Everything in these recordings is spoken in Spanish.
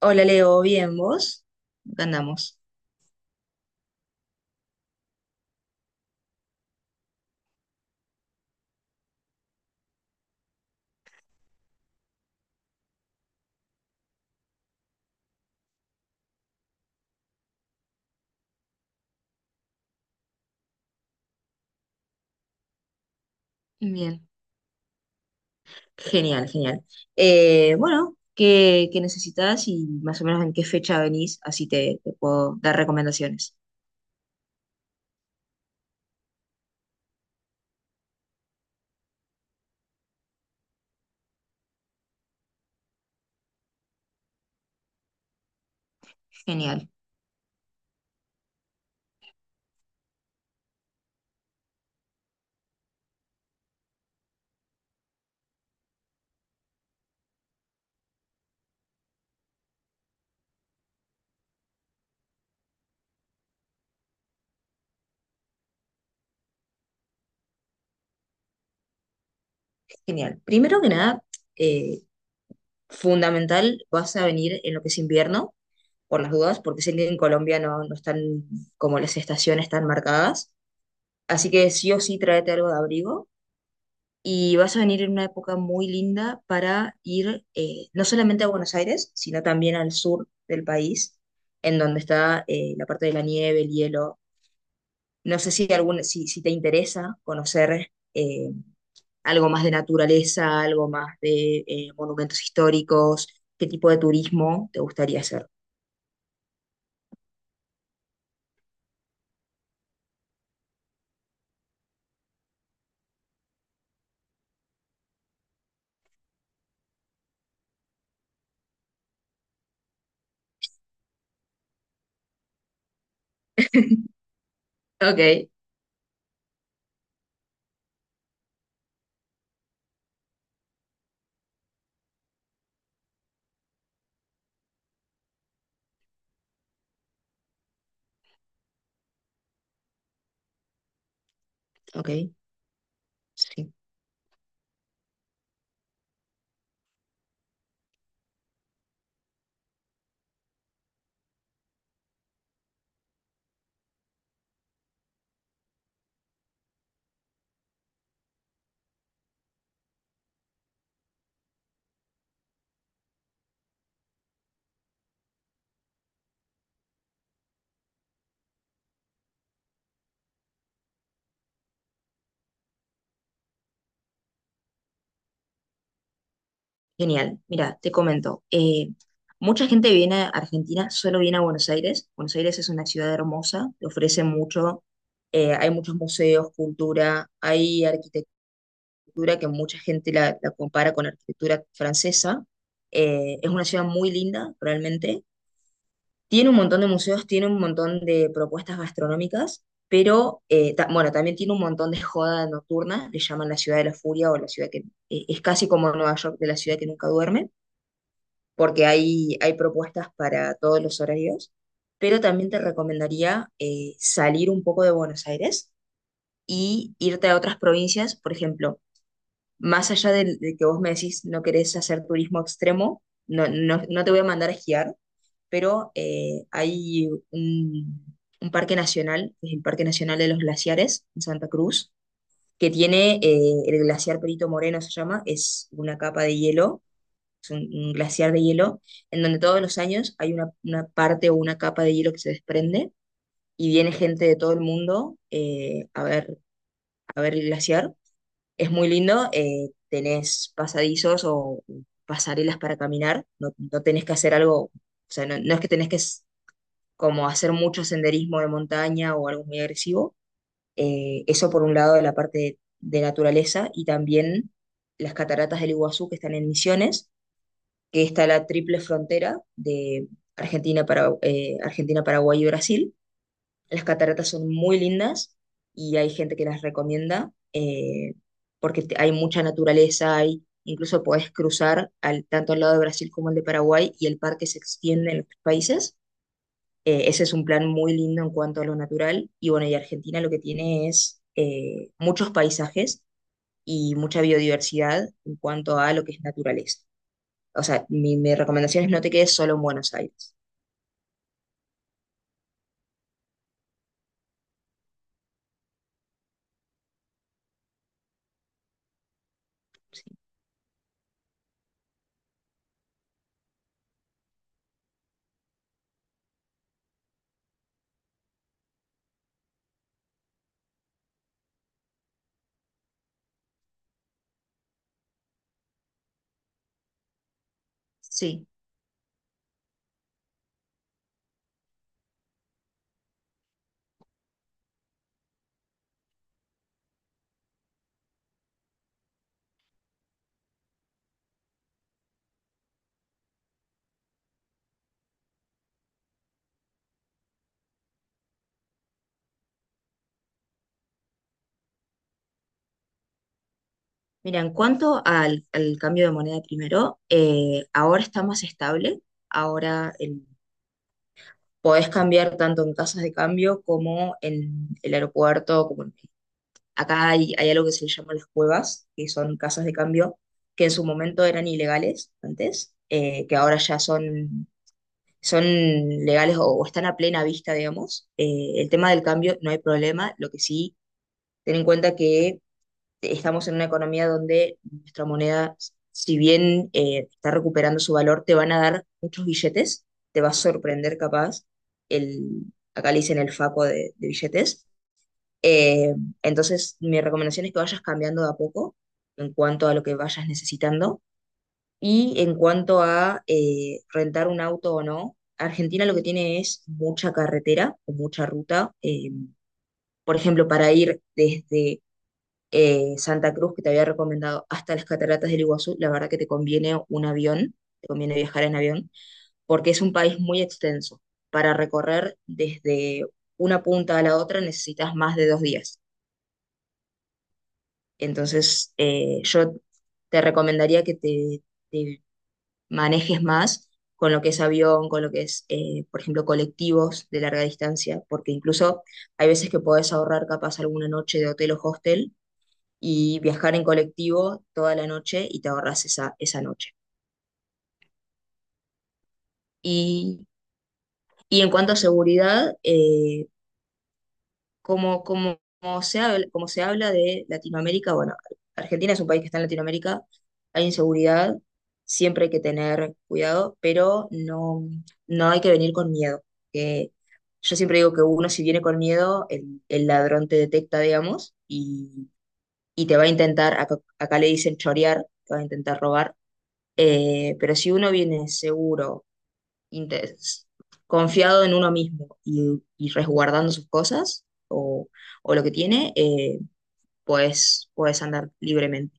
Hola Leo, bien, ¿vos? Acá andamos. Bien, genial, genial. Bueno, ¿qué necesitas y más o menos en qué fecha venís? Así te puedo dar recomendaciones. Genial, genial. Primero que nada, eh, fundamental, vas a venir en lo que es invierno, por las dudas, porque sé que en Colombia no están como las estaciones tan marcadas. Así que sí o sí tráete algo de abrigo y vas a venir en una época muy linda para ir no solamente a Buenos Aires, sino también al sur del país, en donde está la parte de la nieve, el hielo. No sé si, algún, si, si te interesa conocer algo más de naturaleza, algo más de monumentos históricos, qué tipo de turismo te gustaría hacer. Ok, ok, sí. Genial. Mira, te comento. Mucha gente viene a Argentina, solo viene a Buenos Aires. Buenos Aires es una ciudad hermosa, te ofrece mucho. Hay muchos museos, cultura, hay arquitectura que mucha gente la compara con arquitectura francesa. Es una ciudad muy linda, realmente. Tiene un montón de museos, tiene un montón de propuestas gastronómicas, pero bueno, también tiene un montón de joda nocturna, le llaman la ciudad de la furia o la ciudad que es casi como Nueva York, de la ciudad que nunca duerme, porque hay propuestas para todos los horarios, pero también te recomendaría salir un poco de Buenos Aires y irte a otras provincias, por ejemplo, más allá que vos me decís no querés hacer turismo extremo, no te voy a mandar a esquiar, pero hay un parque nacional, que es el Parque Nacional de los Glaciares en Santa Cruz, que tiene el glaciar Perito Moreno, se llama, es una capa de hielo, es un glaciar de hielo, en donde todos los años hay una parte o una capa de hielo que se desprende, y viene gente de todo el mundo a ver el glaciar. Es muy lindo, tenés pasadizos o pasarelas para caminar, no tenés que hacer algo, o sea, no es que tenés que como hacer mucho senderismo de montaña o algo muy agresivo. Eso por un lado de la parte de naturaleza, y también las cataratas del Iguazú, que están en Misiones, que está la triple frontera de Argentina, Paraguay y Brasil. Las cataratas son muy lindas y hay gente que las recomienda porque hay mucha naturaleza, hay, incluso podés cruzar al, tanto al lado de Brasil como al de Paraguay, y el parque se extiende en los tres países. Ese es un plan muy lindo en cuanto a lo natural. Y bueno, y Argentina lo que tiene es muchos paisajes y mucha biodiversidad en cuanto a lo que es naturaleza. O sea, mi recomendación es no te quedes solo en Buenos Aires. Sí. Sí. Mira, en cuanto al cambio de moneda primero, ahora está más estable. Ahora podés cambiar tanto en casas de cambio como en el aeropuerto. Como acá hay algo que se le llama las cuevas, que son casas de cambio que en su momento eran ilegales antes, que ahora ya son legales o están a plena vista, digamos. El tema del cambio no hay problema. Lo que sí, ten en cuenta que estamos en una economía donde nuestra moneda, si bien está recuperando su valor, te van a dar muchos billetes, te va a sorprender capaz, el, acá le dicen el faco de billetes. Eh, entonces, mi recomendación es que vayas cambiando de a poco en cuanto a lo que vayas necesitando. Y en cuanto a rentar un auto o no, Argentina lo que tiene es mucha carretera o mucha ruta. Por ejemplo, para ir desde Santa Cruz, que te había recomendado, hasta las cataratas del Iguazú, la verdad que te conviene un avión, te conviene viajar en avión, porque es un país muy extenso. Para recorrer desde una punta a la otra necesitas más de dos días. Entonces, yo te recomendaría que te manejes más con lo que es avión, con lo que es, por ejemplo, colectivos de larga distancia, porque incluso hay veces que podés ahorrar capaz alguna noche de hotel o hostel y viajar en colectivo toda la noche y te ahorras esa noche. Y, y en cuanto a seguridad, como se habla de Latinoamérica, bueno, Argentina es un país que está en Latinoamérica, hay inseguridad, siempre hay que tener cuidado, pero no hay que venir con miedo. Que yo siempre digo que uno si viene con miedo, el ladrón te detecta, digamos, y te va a intentar, acá le dicen chorear, te va a intentar robar. Pero si uno viene seguro, inte- confiado en uno mismo y resguardando sus cosas o lo que tiene, pues puedes andar libremente.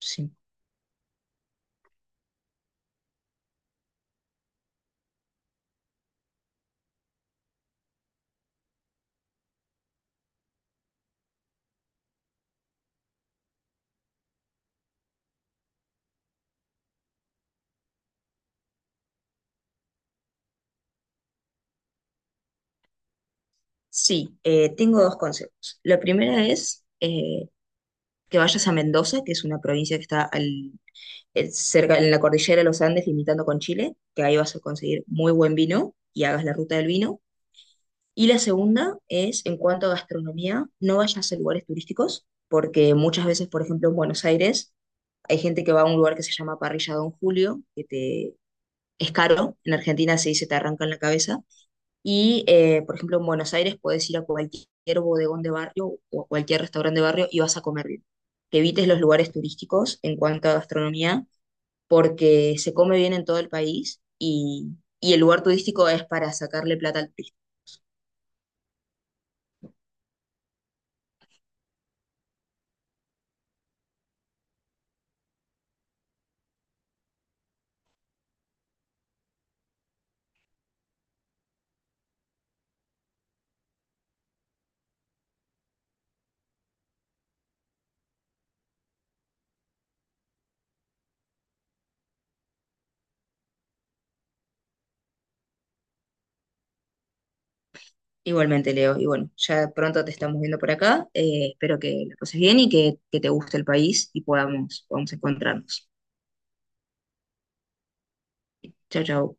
Sí, sí tengo dos consejos. La primera es que vayas a Mendoza, que es una provincia que está cerca en la cordillera de los Andes, limitando con Chile, que ahí vas a conseguir muy buen vino y hagas la ruta del vino. Y la segunda es, en cuanto a gastronomía, no vayas a lugares turísticos, porque muchas veces, por ejemplo, en Buenos Aires, hay gente que va a un lugar que se llama Parrilla Don Julio, que te, es caro, en Argentina se dice te arranca en la cabeza, y por ejemplo en Buenos Aires puedes ir a cualquier bodegón de barrio o a cualquier restaurante de barrio y vas a comer bien. Que evites los lugares turísticos en cuanto a gastronomía, porque se come bien en todo el país, y el lugar turístico es para sacarle plata al turista. Igualmente, Leo. Y bueno, ya pronto te estamos viendo por acá. Espero que la pases bien y que te guste el país y podamos encontrarnos. Chao, chao.